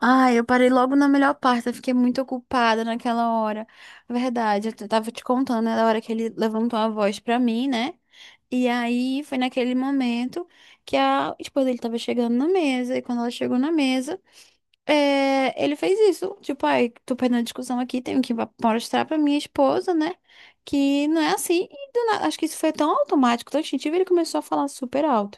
Ah, eu parei logo na melhor parte, eu fiquei muito ocupada naquela hora. Verdade, tava te contando, né, da hora que ele levantou a voz pra mim, né? E aí foi naquele momento que a esposa dele tava chegando na mesa, e quando ela chegou na mesa, ele fez isso. Tipo, ai, tô perdendo a discussão aqui, tenho mostrar pra minha esposa, né? Que não é assim. E do nada, acho que isso foi tão automático, tão instintivo, ele começou a falar super alto.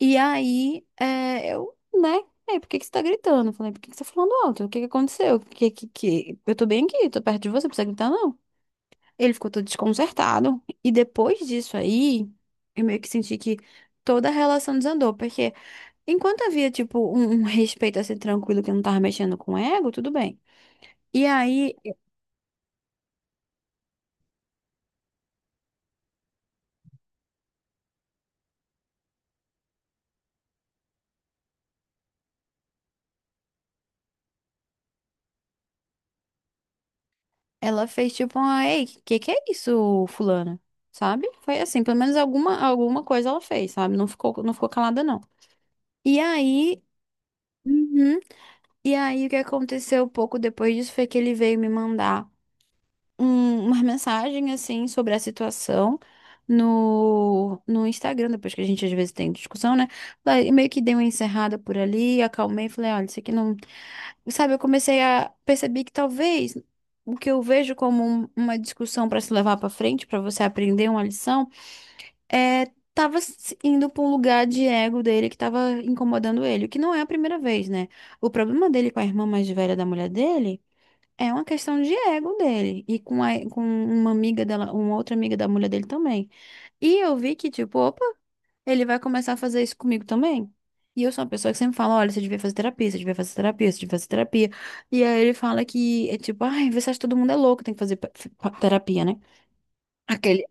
E aí, é, eu, né? aí por que que você tá gritando? Eu falei, por que que você tá falando alto? O que que aconteceu? Eu tô bem aqui, tô perto de você, não precisa gritar, não. Ele ficou todo desconcertado. E depois disso aí, eu meio que senti que toda a relação desandou. Porque enquanto havia, tipo, um respeito assim, tranquilo, que não tava mexendo com o ego, tudo bem. E aí, ela fez tipo uma, ei, que é isso, fulana? Sabe? Foi assim, pelo menos alguma coisa ela fez, sabe? Não ficou calada, não. E aí, uhum. E aí, o que aconteceu pouco depois disso foi que ele veio me mandar uma mensagem, assim, sobre a situação no Instagram, depois que a gente às vezes tem discussão, né? Daí, meio que dei uma encerrada por ali, acalmei, falei, olha, isso aqui não. Sabe, eu comecei a perceber que talvez o que eu vejo como uma discussão para se levar para frente, para você aprender uma lição, é, indo pra um lugar de ego dele que tava incomodando ele, o que não é a primeira vez, né? O problema dele com a irmã mais velha da mulher dele é uma questão de ego dele e com, com uma amiga dela, uma outra amiga da mulher dele também. E eu vi que, tipo, opa, ele vai começar a fazer isso comigo também. E eu sou uma pessoa que sempre fala, olha, você devia fazer terapia, você devia fazer terapia, você devia fazer terapia. E aí ele fala que é tipo, ai, você acha que todo mundo é louco, tem terapia, né? Aquele,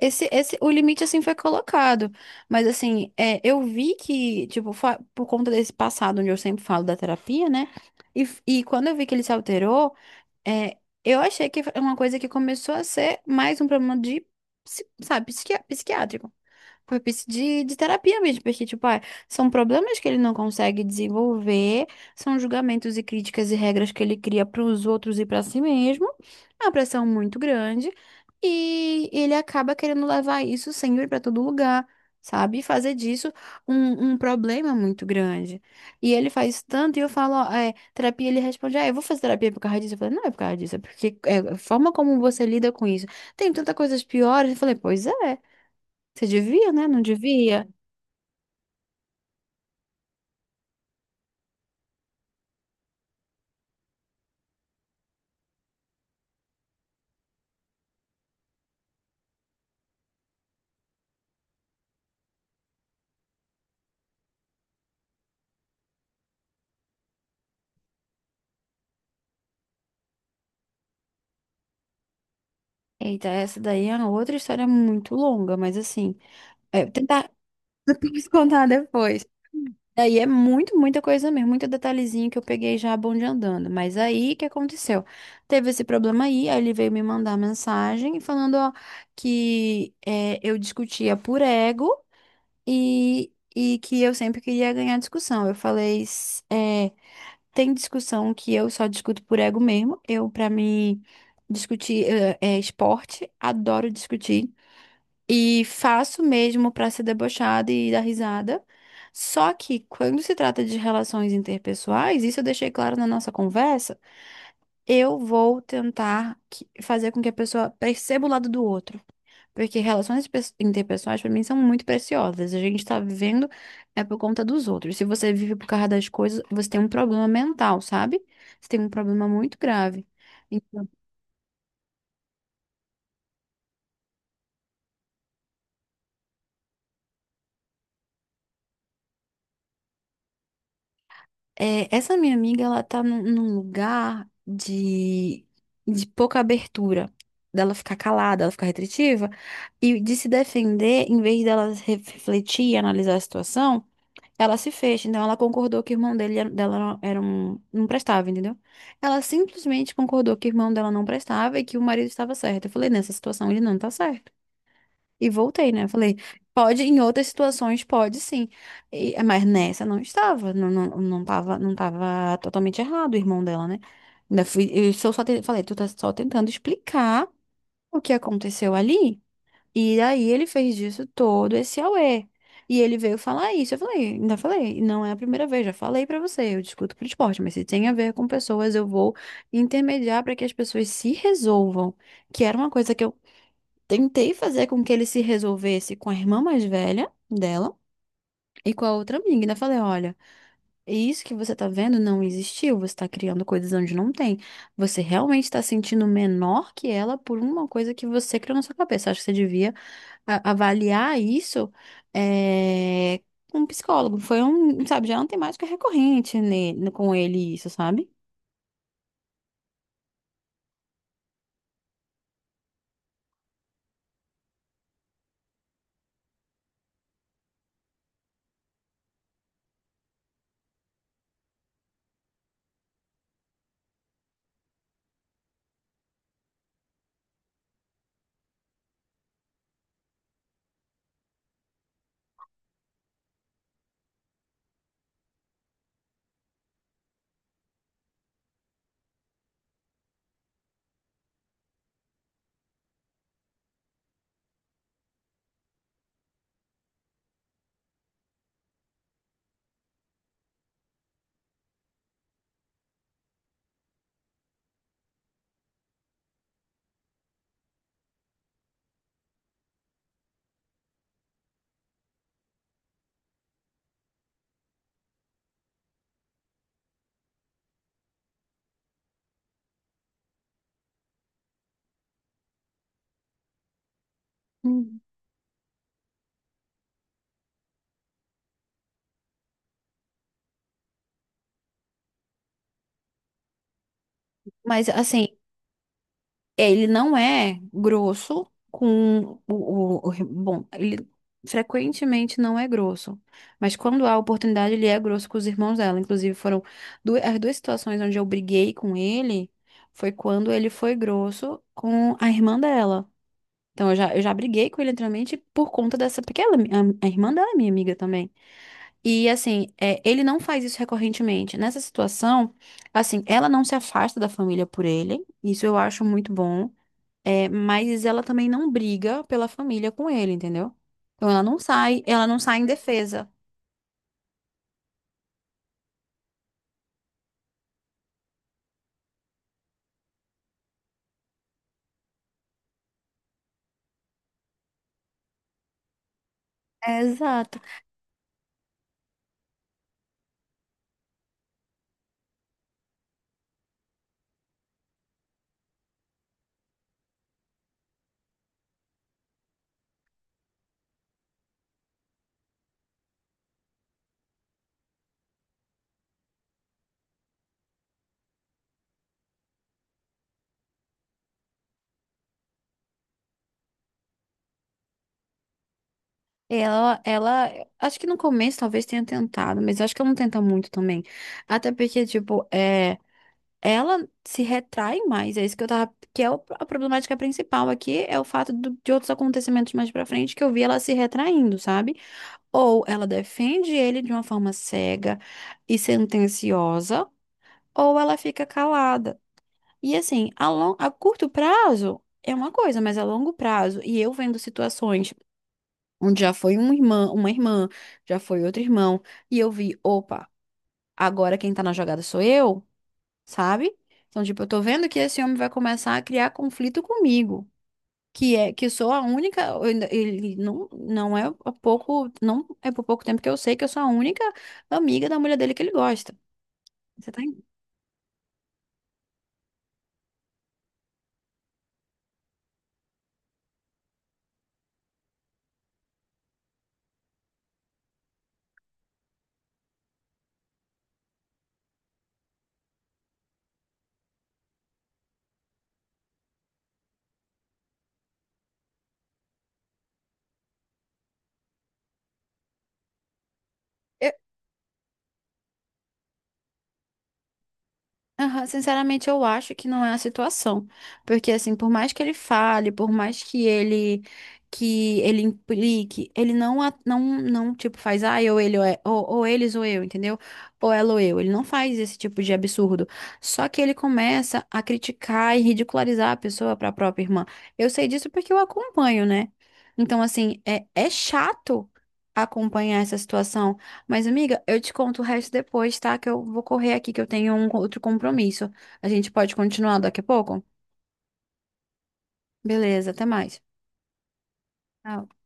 Esse, o limite, assim, foi colocado. Mas, assim, é, eu vi que, tipo, por conta desse passado, onde eu sempre falo da terapia, né? E quando eu vi que ele se alterou, é, eu achei que é uma coisa que começou a ser mais um problema de, sabe, psiquiátrico propício de terapia mesmo, porque, tipo, ah, são problemas que ele não consegue desenvolver, são julgamentos e críticas e regras que ele cria para os outros e para si mesmo, é uma pressão muito grande, e ele acaba querendo levar isso sempre para todo lugar, sabe? E fazer disso um problema muito grande. E ele faz isso tanto, e eu falo, ó, é, terapia, ele responde, ah, eu vou fazer terapia por causa disso. Eu falei, não é por causa disso, é porque é, a forma como você lida com isso. Tem tantas coisas piores. Eu falei, pois é. Você devia, né? Não devia? Eita, essa daí é uma outra história muito longa, mas assim, é, tentar depois contar depois. Daí é muito, muita coisa mesmo, muito detalhezinho que eu peguei já a bonde andando. Mas aí, o que aconteceu? Teve esse problema aí, aí ele veio me mandar mensagem falando, ó, que é, eu discutia por ego e que eu sempre queria ganhar discussão. Eu falei, tem discussão que eu só discuto por ego mesmo. Eu, pra mim, discutir esporte, adoro discutir. E faço mesmo pra ser debochada e dar risada. Só que quando se trata de relações interpessoais, isso eu deixei claro na nossa conversa, eu vou tentar fazer com que a pessoa perceba o lado do outro. Porque interpessoais, para mim, são muito preciosas. A gente tá vivendo é por conta dos outros. Se você vive por causa das coisas, você tem um problema mental, sabe? Você tem um problema muito grave. Então, é, essa minha amiga, ela tá num lugar de pouca abertura. Dela ficar calada, ela ficar retritiva. E de se defender, em vez dela refletir e analisar a situação. Ela se fez, então ela concordou que o irmão dele, era- dela não- era um, não prestava, entendeu? Ela simplesmente concordou que o irmão dela não prestava e que o marido estava certo. Eu falei, nessa situação ele não tá certo. E voltei, né? Eu falei, pode, em outras situações pode sim. Mas nessa não estava, não tava, não tava totalmente errado o irmão dela, né? Ainda fui, eu só, só te- falei, tu tá só tentando explicar o que aconteceu ali. E daí ele fez disso todo esse auê. E ele veio falar isso. Eu falei, ainda falei, não é a primeira vez, já falei pra você, eu discuto pro esporte, mas se tem a ver com pessoas, eu vou intermediar pra que as pessoas se resolvam. Que era uma coisa que eu tentei fazer com que ele se resolvesse com a irmã mais velha dela e com a outra amiga. Ainda falei, olha. E isso que você tá vendo não existiu, você tá criando coisas onde não tem. Você realmente tá sentindo menor que ela por uma coisa que você criou na sua cabeça. Acho que você devia avaliar isso é, com um psicólogo. Foi um, sabe, já é uma temática recorrente com ele isso, sabe? Hum. Mas assim. É, ele não é grosso com o, bom, ele frequentemente não é grosso, mas quando há oportunidade, ele é grosso com os irmãos dela. Inclusive, foram as duas situações onde eu briguei com ele foi quando ele foi grosso com a irmã dela. Então, eu já briguei com ele anteriormente por conta dessa, porque ela, é a irmã dela é minha amiga também. E assim, é, ele não faz isso recorrentemente. Nessa situação, assim, ela não se afasta da família por ele. Isso eu acho muito bom. É, mas ela também não briga pela família com ele, entendeu? Então ela não sai em defesa. É, exato. Ela, acho que no começo talvez tenha tentado, mas acho que ela não tenta muito também. Até porque, tipo, é, ela se retrai mais, é isso que eu tava, que é a problemática principal aqui, é o fato de outros acontecimentos mais pra frente que eu vi ela se retraindo, sabe? Ou ela defende ele de uma forma cega e sentenciosa, ou ela fica calada. E assim, a curto prazo é uma coisa, mas a longo prazo, e eu vendo situações onde já foi um irmã, uma irmã, já foi outro irmão, e eu vi, opa, agora quem tá na jogada sou eu, sabe? Então, tipo, eu tô vendo que esse homem vai começar a criar conflito comigo. Que é que eu sou a única, ele não, não é há pouco, não é por pouco tempo que eu sei que eu sou a única amiga da mulher dele que ele gosta. Você tá entendendo? Aham, sinceramente, eu acho que não é a situação. Porque, assim, por mais que ele fale, por mais que ele implique, ele não, não tipo, faz, ah, eu, ele, ou, é- ou eles ou eu, entendeu? Ou ela ou eu. Ele não faz esse tipo de absurdo. Só que ele começa a criticar e ridicularizar a pessoa para a própria irmã. Eu sei disso porque eu acompanho, né? Então, assim, é chato acompanhar essa situação. Mas, amiga, eu te conto o resto depois, tá? Que eu vou correr aqui, que eu tenho um outro compromisso. A gente pode continuar daqui a pouco? Beleza, até mais. Tchau.